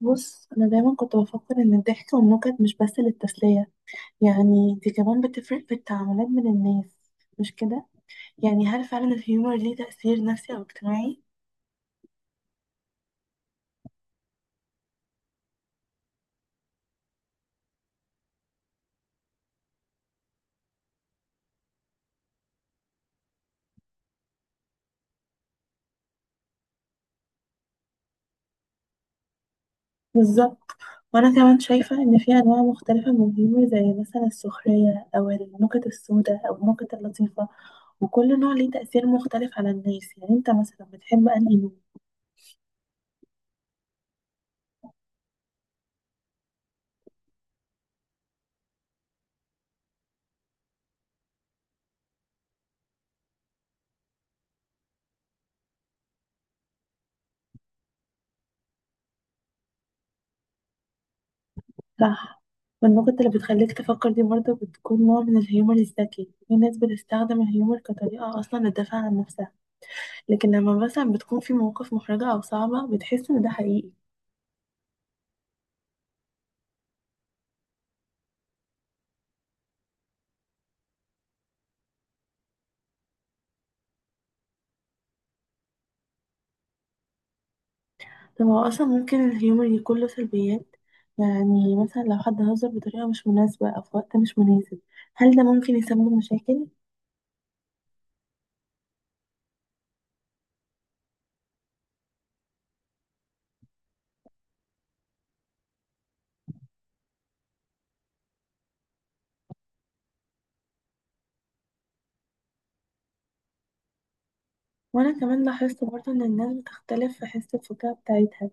بص، أنا دايما كنت بفكر إن الضحك والنكت مش بس للتسلية، يعني دي كمان بتفرق في التعاملات بين الناس. مش كده؟ يعني هل فعلا الهيومر ليه تأثير نفسي أو اجتماعي؟ بالظبط. وأنا كمان شايفة إن في أنواع مختلفة من الهيومر زي مثلا السخرية أو النكت السوداء أو النكت اللطيفة، وكل نوع ليه تأثير مختلف على الناس. يعني أنت مثلا بتحب أنهي نوع؟ صح. والنقطة اللي بتخليك تفكر دي برضه بتكون نوع من الهيومر الذكي. في ناس بتستخدم الهيومر كطريقة أصلا للدفاع عن نفسها، لكن لما مثلا بتكون في مواقف محرجة أو صعبة بتحس إن ده حقيقي. طب هو أصلا ممكن الهيومر يكون له سلبيات؟ يعني مثلا لو حد هزر بطريقة مش مناسبة أو في وقت مش مناسب، هل ده ممكن يسبب مشاكل؟ وأنا كمان لاحظت برضه إن الناس بتختلف في حس الفكاهة بتاعتها،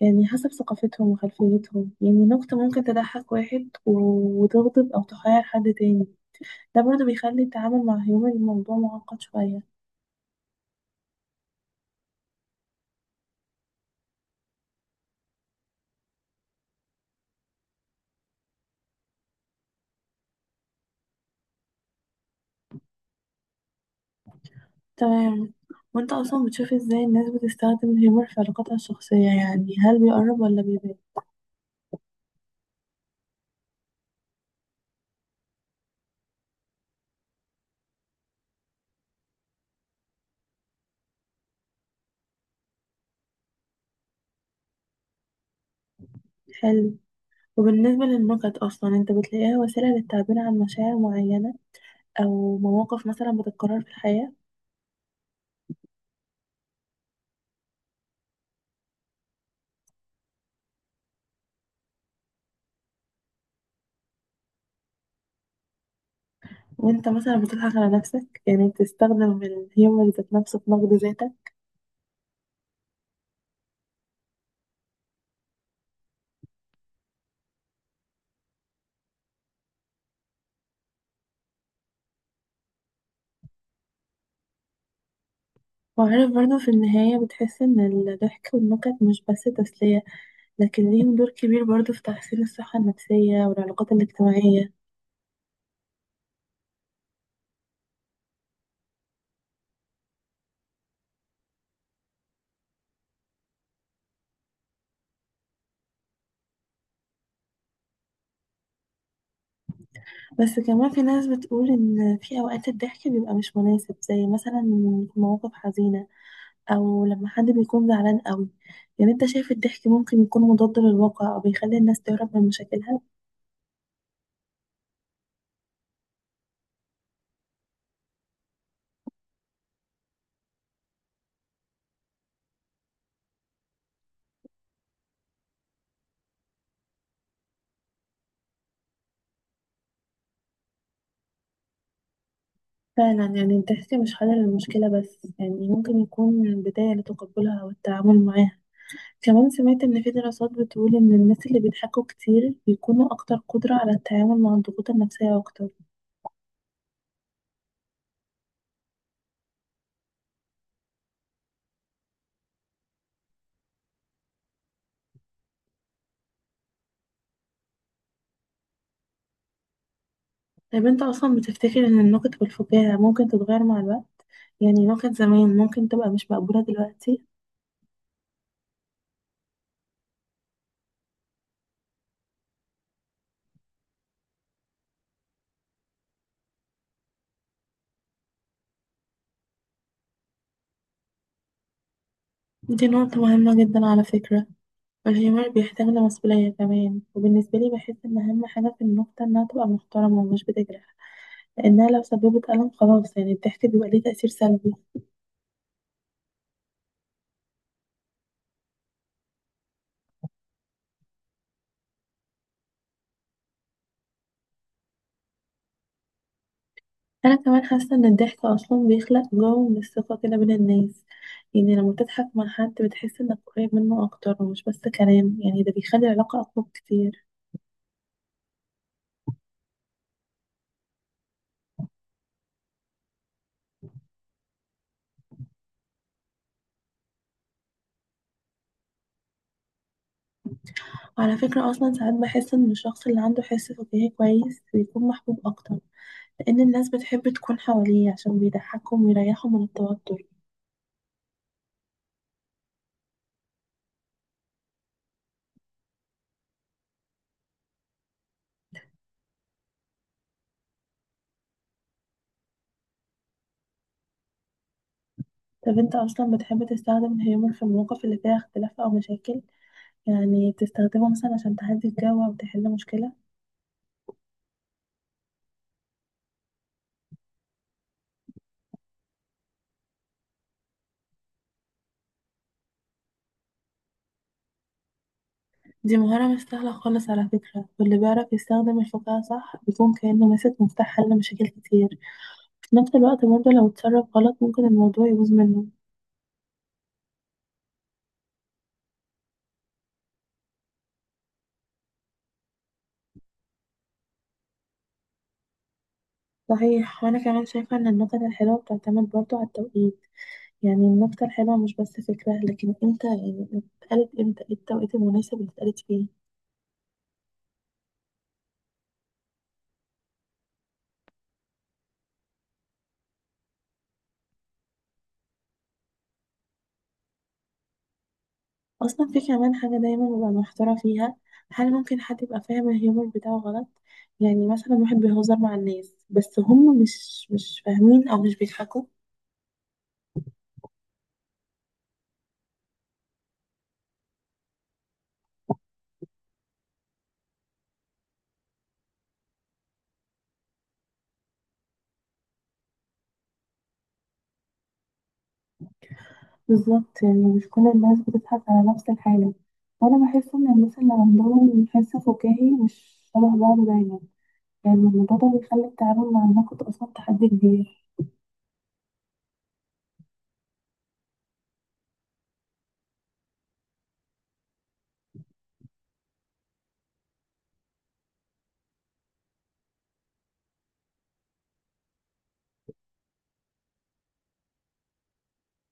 يعني حسب ثقافتهم وخلفيتهم. يعني نكتة ممكن تضحك واحد و- وتغضب أو تحير حد تاني. ده برضه بيخلي التعامل مع هيومر الموضوع معقد شوية. تمام. وانت أصلا بتشوف ازاي الناس بتستخدم الهيومر في علاقاتها الشخصية؟ يعني هل بيقرب ولا بيبعد؟ حلو. وبالنسبة للنكت أصلا انت بتلاقيها وسيلة للتعبير عن مشاعر معينة، أو مواقف مثلا بتتكرر في الحياة؟ وانت مثلا بتضحك على نفسك؟ يعني بتستخدم الهيومر ذات نفسه في نقد ذاتك؟ وعارف برضو، في النهاية بتحس إن الضحك والنكت مش بس تسلية، لكن ليهم دور كبير برضو في تحسين الصحة النفسية والعلاقات الاجتماعية. بس كمان في ناس بتقول إن في أوقات الضحك بيبقى مش مناسب، زي مثلا في مواقف حزينة، أو لما حد بيكون زعلان قوي. يعني أنت شايف الضحك ممكن يكون مضاد للواقع أو بيخلي الناس تهرب من مشاكلها؟ فعلا. يعني الضحك مش حل للمشكلة بس، يعني ممكن يكون بداية لتقبلها والتعامل معاها. كمان سمعت إن في دراسات بتقول إن الناس اللي بيضحكوا كتير بيكونوا أكتر قدرة على التعامل مع الضغوط النفسية أكتر. طيب أنت أصلا بتفتكر إن النكت والفكاهة ممكن تتغير مع الوقت؟ يعني نكت زمان ممكن تبقى مش مقبولة دلوقتي؟ دي نقطة مهمة جدا على فكرة. الهيومر بيحتاج لمسؤولية كمان. وبالنسبة لي بحس إن أهم حاجة في النكتة إنها تبقى محترمة ومش بتجرح، لأنها لو سببت ألم خلاص، يعني الضحك بيبقى ليه تأثير سلبي. انا كمان حاسه ان الضحك اصلا بيخلق جو من الثقه كده بين الناس. يعني لما تضحك مع حد بتحس انك قريب منه اكتر، ومش بس كلام، يعني ده بيخلي العلاقه اقوى كتير. وعلى فكره اصلا ساعات بحس ان الشخص اللي عنده حس فكاهي كويس بيكون محبوب اكتر، لان الناس بتحب تكون حواليه عشان بيضحكهم ويريحهم من التوتر. طب انت اصلا بتحب تستخدم الهيومر في المواقف اللي فيها اختلاف او مشاكل؟ يعني بتستخدمه مثلا عشان تهدي الجو او تحل مشكله؟ دي مهارة مش سهلة خالص على فكرة، واللي بيعرف يستخدم الفكاهة صح بيكون كأنه ماسك مفتاح حل مشاكل كتير. في نفس الوقت برضه لو اتصرف غلط ممكن الموضوع يبوظ منه. صحيح. وأنا كمان شايفة إن النكت الحلوة بتعتمد برضه على التوقيت. يعني النكتة الحلوة مش بس فكرة، لكن امتى، يعني اتقالت امتى، ايه التوقيت المناسب اللي اتقالت فيه. أصلا في كمان حاجة دايما ببقى محتارة فيها، هل ممكن حد يبقى فاهم الهيومر بتاعه غلط؟ يعني مثلا واحد بيهزر مع الناس بس هم مش فاهمين أو مش بيضحكوا. بالظبط. يعني مش كل الناس بتضحك على نفس الحاجة. وأنا بحس إن الناس اللي عندهم حس فكاهي مش شبه بعض دايما، يعني الموضوع ده بيخلي التعامل مع النقد أصلا تحدي كبير.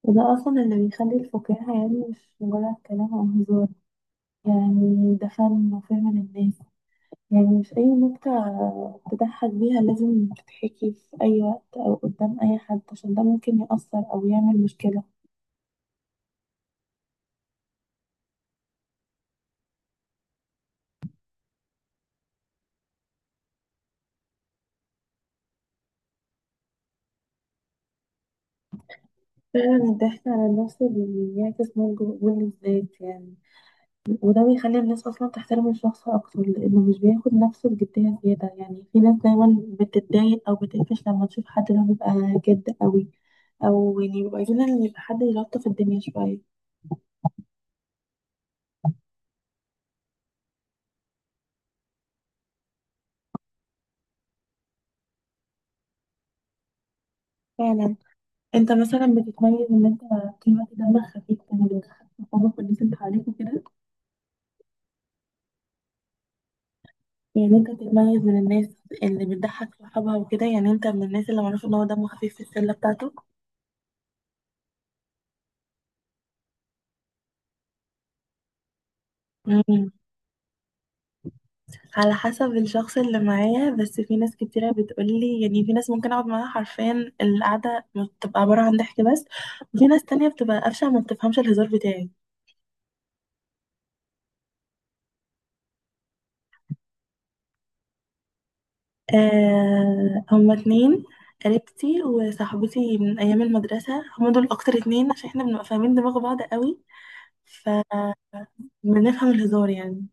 وده أصلا اللي بيخلي الفكاهة، يعني مش مجرد كلام أو هزار، يعني ده فن وفهم للناس. يعني مش أي نكتة تضحك بيها لازم تتحكي في أي وقت أو قدام أي حد، عشان ده ممكن يأثر أو يعمل مشكلة. فعلا. الضحك على النفس بيعكس نضج وقبول الذات يعني. وده بيخلي الناس أصلا تحترم الشخص أكتر، لأنه مش بياخد نفسه بجدية زيادة. يعني في ناس دايما بتتضايق أو بتقفش لما تشوف حد اللي هو بيبقى جد قوي، أو يعني بيبقى عايزين إن يبقى حد يلطف الدنيا شوية. فعلا. أنت مثلا بتتميز إن أنت طول الوقت دمك خفيف، يعني بتضحك صحابك والناس اللي حواليك وكده. يعني أنت بتتميز من الناس اللي بتضحك صحابها وكده. يعني أنت من الناس اللي معروف إن هو دمه خفيف في الشلة بتاعته. مم. على حسب الشخص اللي معايا، بس في ناس كتيرة بتقولي، يعني في ناس ممكن اقعد معاها حرفيا القعدة بتبقى عبارة عن ضحك بس، وفي ناس تانية بتبقى قفشة، ما بتفهمش الهزار بتاعي. آه، هما 2، قريبتي وصاحبتي من ايام المدرسة، هما دول اكتر 2، عشان احنا بنبقى فاهمين دماغ بعض قوي، فبنفهم الهزار يعني.